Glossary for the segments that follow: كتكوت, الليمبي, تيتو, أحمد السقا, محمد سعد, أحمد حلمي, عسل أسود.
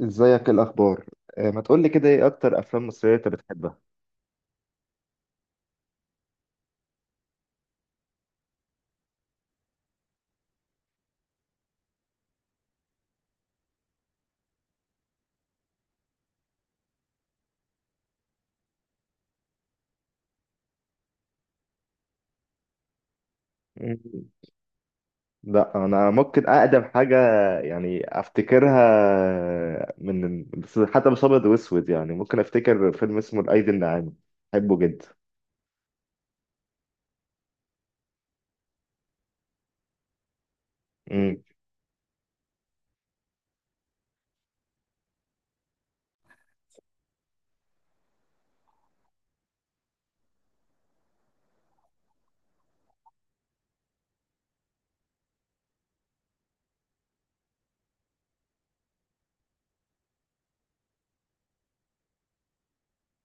ازيك؟ إيه الاخبار؟ آه، ما تقولي كده، ايه اكتر افلام مصريه انت بتحبها؟ مم. لا، انا ممكن اقدم حاجه يعني افتكرها. من بس حتى مش ابيض واسود، يعني ممكن افتكر فيلم اسمه الايدي الناعمه. بحبه جدا. مم.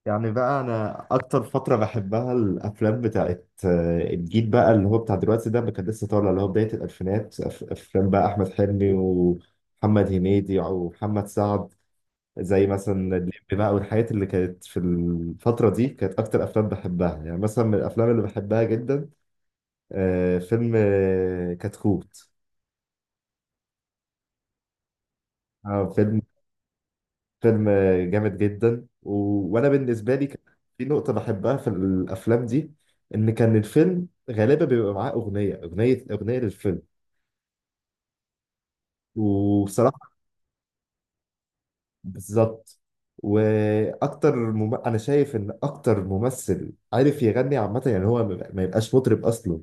يعني بقى انا اكتر فتره بحبها الافلام بتاعت الجيل بقى اللي هو بتاع دلوقتي ده، ما كان لسه طالع، اللي هو بدايه الالفينات، افلام بقى احمد حلمي ومحمد هنيدي ومحمد سعد. زي مثلا الليمبي بقى والحاجات اللي كانت في الفترة دي، كانت أكتر أفلام بحبها. يعني مثلا من الأفلام اللي بحبها جدا، فيلم كتكوت. فيلم فيلم جامد جدا و، وأنا بالنسبة لي كان في نقطة بحبها في الأفلام دي، إن كان الفيلم غالبا بيبقى معاه أغنية للفيلم. وبصراحة، بالظبط. واكتر انا شايف ان اكتر ممثل عارف يغني عامه، يعني هو ما يبقاش مطرب اصلا.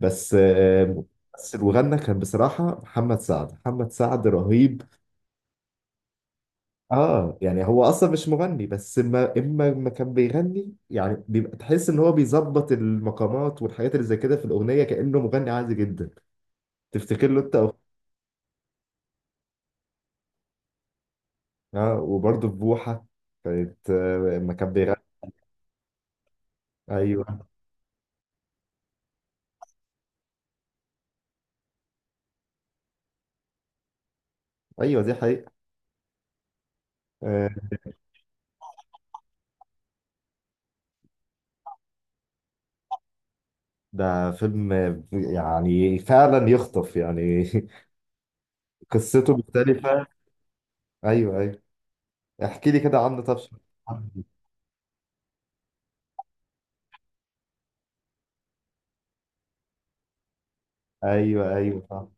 بس آه، بس وغنى كان بصراحة، محمد سعد محمد سعد رهيب. اه يعني هو اصلا مش مغني، بس اما ما كان بيغني يعني بيبقى تحس ان هو بيظبط المقامات والحاجات اللي زي كده في الاغنية، كأنه مغني عادي جدا. تفتكر له انت اه، وبرضه في بوحة. كانت اما كان بيغني. ايوه، ايوه، دي حقيقة. آه. ده فيلم يعني فعلا يخطف يعني. قصته مختلفة. ايوه، ايوه. احكي لي كده عنه طب. ايوه، ايوه، فاهم.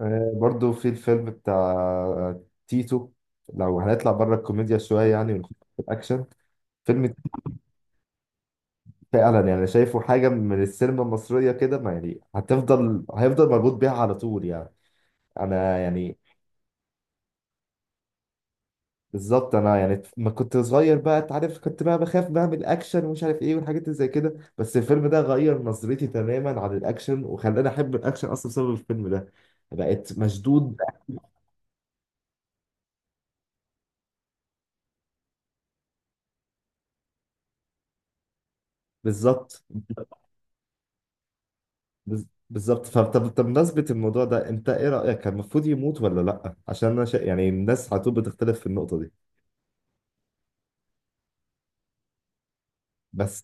آه، برضو في الفيلم بتاع تيتو. لو هنطلع بره الكوميديا شويه يعني، ونخش في الاكشن. فيلم تيتو. فعلا، يعني شايفه حاجه من السينما المصريه كده، ما يعني هيفضل مربوط بيها على طول يعني. انا يعني، بالظبط. انا يعني ما كنت صغير بقى، انت عارف، كنت بقى بخاف بقى من الاكشن ومش عارف ايه والحاجات اللي زي كده، بس الفيلم ده غير نظرتي تماما عن الاكشن، وخلاني احب الاكشن اصلا بسبب الفيلم ده. بقيت مشدود. بالظبط. بالظبط. فطب بمناسبة الموضوع ده، انت ايه رأيك؟ كان المفروض يموت ولا لا؟ عشان انا يعني الناس على طول بتختلف في النقطة دي. بس،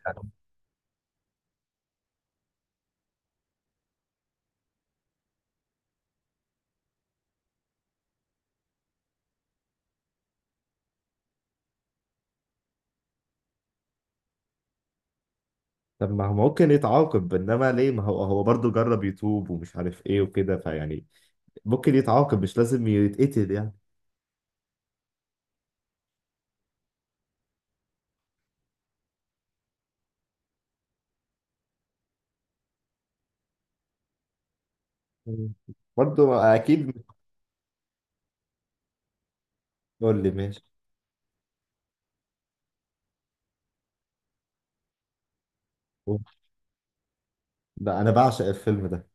طب ما هو ممكن يتعاقب، انما ليه؟ ما هو برضه جرب يتوب ومش عارف ايه وكده فيعني، ممكن يتعاقب، مش لازم يتقتل يعني. مم. برضه اكيد مش. تقول لي ماشي. ده انا بعشق الفيلم ده.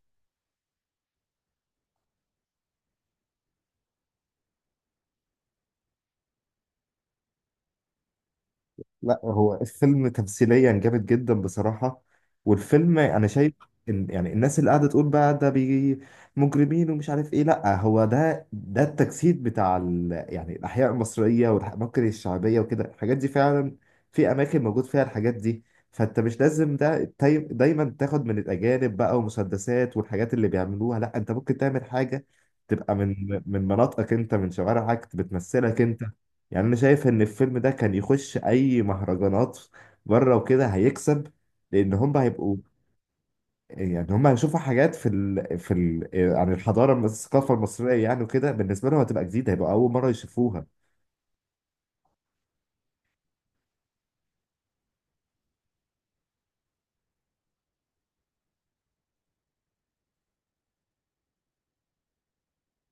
لا، هو الفيلم تمثيليا جامد جدا بصراحة. والفيلم أنا شايف إن يعني الناس اللي قاعدة تقول بقى ده بي مجرمين ومش عارف إيه، لا هو ده التجسيد بتاع ال، يعني الأحياء المصرية والأماكن الشعبية وكده، الحاجات دي فعلا، في أماكن موجود فيها الحاجات دي. فأنت مش لازم ده دايما تاخد من الأجانب بقى ومسدسات والحاجات اللي بيعملوها، لا أنت ممكن تعمل حاجة تبقى من من مناطقك أنت، من شوارعك بتمثلك أنت. يعني انا شايف ان الفيلم ده كان يخش اي مهرجانات بره وكده، هيكسب. لان هم هيبقوا، يعني هم هيشوفوا حاجات عن الحضاره الثقافه المصريه يعني وكده، بالنسبه لهم هتبقى جديده، هيبقى اول مره يشوفوها.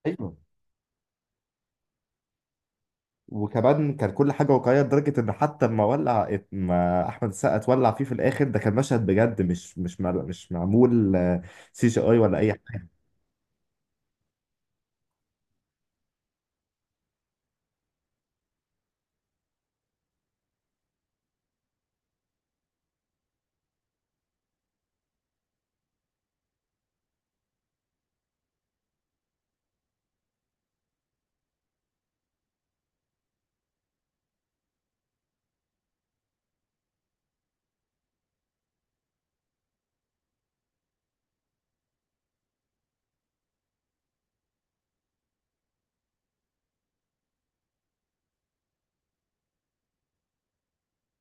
ايوه. وكمان كان كل حاجه واقعيه لدرجه ان حتى لما ولع، ما احمد السقا اتولع فيه في الاخر، ده كان مشهد بجد، مش معمول CGI ولا اي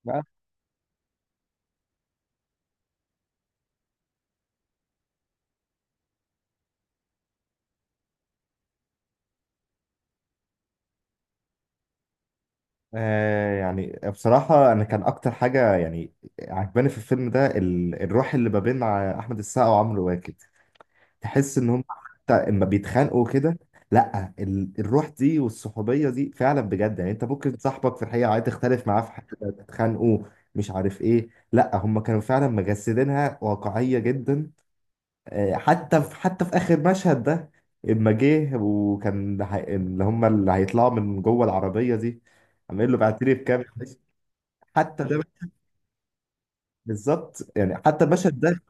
حاجه. يعني بصراحة، أنا كان أكتر حاجة يعني عجباني في الفيلم ده، الروح اللي ما بين أحمد السقا وعمرو واكد، تحس إن هم حتى إما بيتخانقوا كده. لأ الروح دي والصحوبية دي فعلا بجد، يعني أنت ممكن صاحبك في الحقيقة عايز تختلف معاه في حاجة تتخانقوا، مش عارف إيه، لأ هم كانوا فعلا مجسدينها واقعية جدا. آه، حتى في آخر مشهد ده، إما جه وكان اللي هيطلعوا من جوه العربية دي، عامل له بعترف كام. حتى ده، بالظبط، يعني حتى المشهد ده،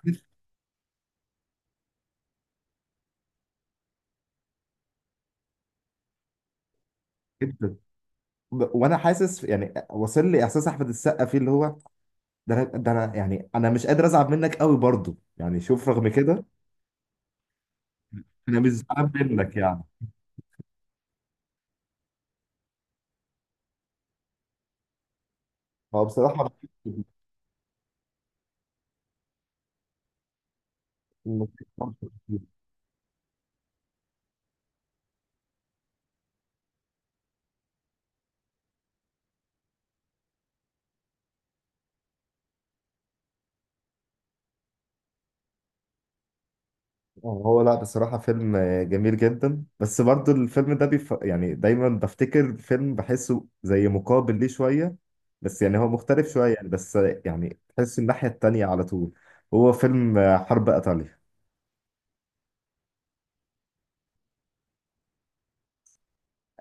جدا. وانا حاسس يعني واصل لي احساس احمد السقا فيه اللي هو، ده انا يعني انا مش قادر ازعل منك قوي برضه، يعني شوف رغم كده انا مش زعلان منك يعني. هو بصراحه، هو لا بصراحه فيلم جميل جدا، بس برضه الفيلم ده يعني دايما بفتكر فيلم بحسه زي مقابل ليه شويه، بس يعني هو مختلف شويه يعني، بس يعني تحس الناحيه التانيه على طول. هو فيلم حرب ايطاليا.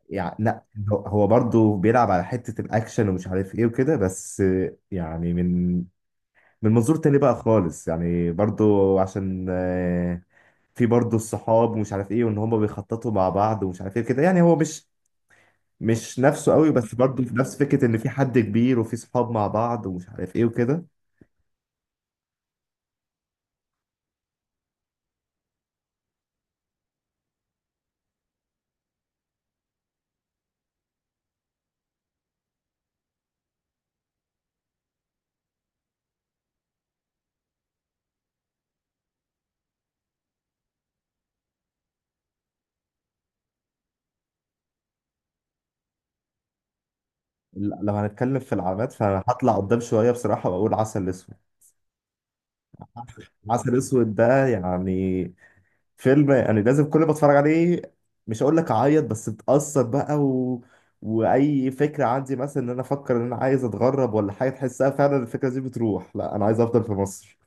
يعني لا، هو برضه بيلعب على حتة الأكشن ومش عارف إيه وكده، بس يعني من منظور تاني بقى خالص، يعني برضه، عشان في برضه الصحاب ومش عارف إيه، وإن هما بيخططوا مع بعض ومش عارف إيه كده، يعني هو مش نفسه قوي، بس برضه في نفس فكرة إن في حد كبير وفي صحاب مع بعض ومش عارف إيه وكده. لا، لو هنتكلم في العلامات فأنا هطلع قدام شوية بصراحة، وأقول عسل أسود. عسل أسود ده يعني فيلم، يعني لازم كل ما اتفرج عليه، مش هقول لك اعيط بس اتأثر بقى و، واي فكره عندي مثلا ان انا افكر ان انا عايز اتغرب ولا حاجه، تحسها فعلا الفكره دي بتروح، لا انا عايز افضل في مصر،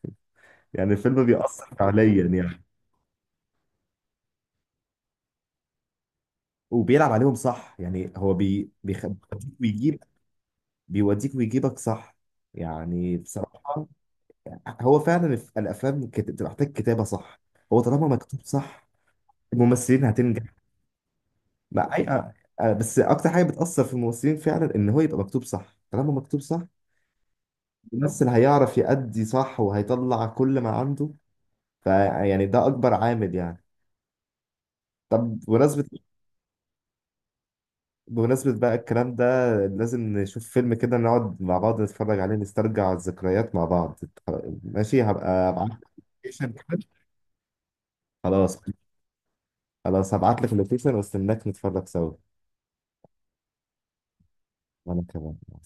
يعني الفيلم بيأثر فعليا يعني. وبيلعب عليهم صح، يعني هو بيوديك ويجيب، بيوديك ويجيبك صح. يعني بصراحه، هو فعلا الافلام بتبقى محتاج كتابه صح، هو طالما مكتوب صح الممثلين هتنجح. ما أي... بس اكتر حاجه بتاثر في الممثلين فعلا، ان هو يبقى مكتوب صح، طالما مكتوب صح الممثل هيعرف يأدي صح وهيطلع كل ما عنده، فيعني ده اكبر عامل يعني. طب بمناسبة بقى الكلام ده، لازم نشوف فيلم كده نقعد مع بعض نتفرج عليه، نسترجع الذكريات مع بعض. ماشي، هبقى ابعت لك اللوكيشن كده. خلاص. خلاص، هبعت لك اللوكيشن واستناك نتفرج سوا. وانا كمان مع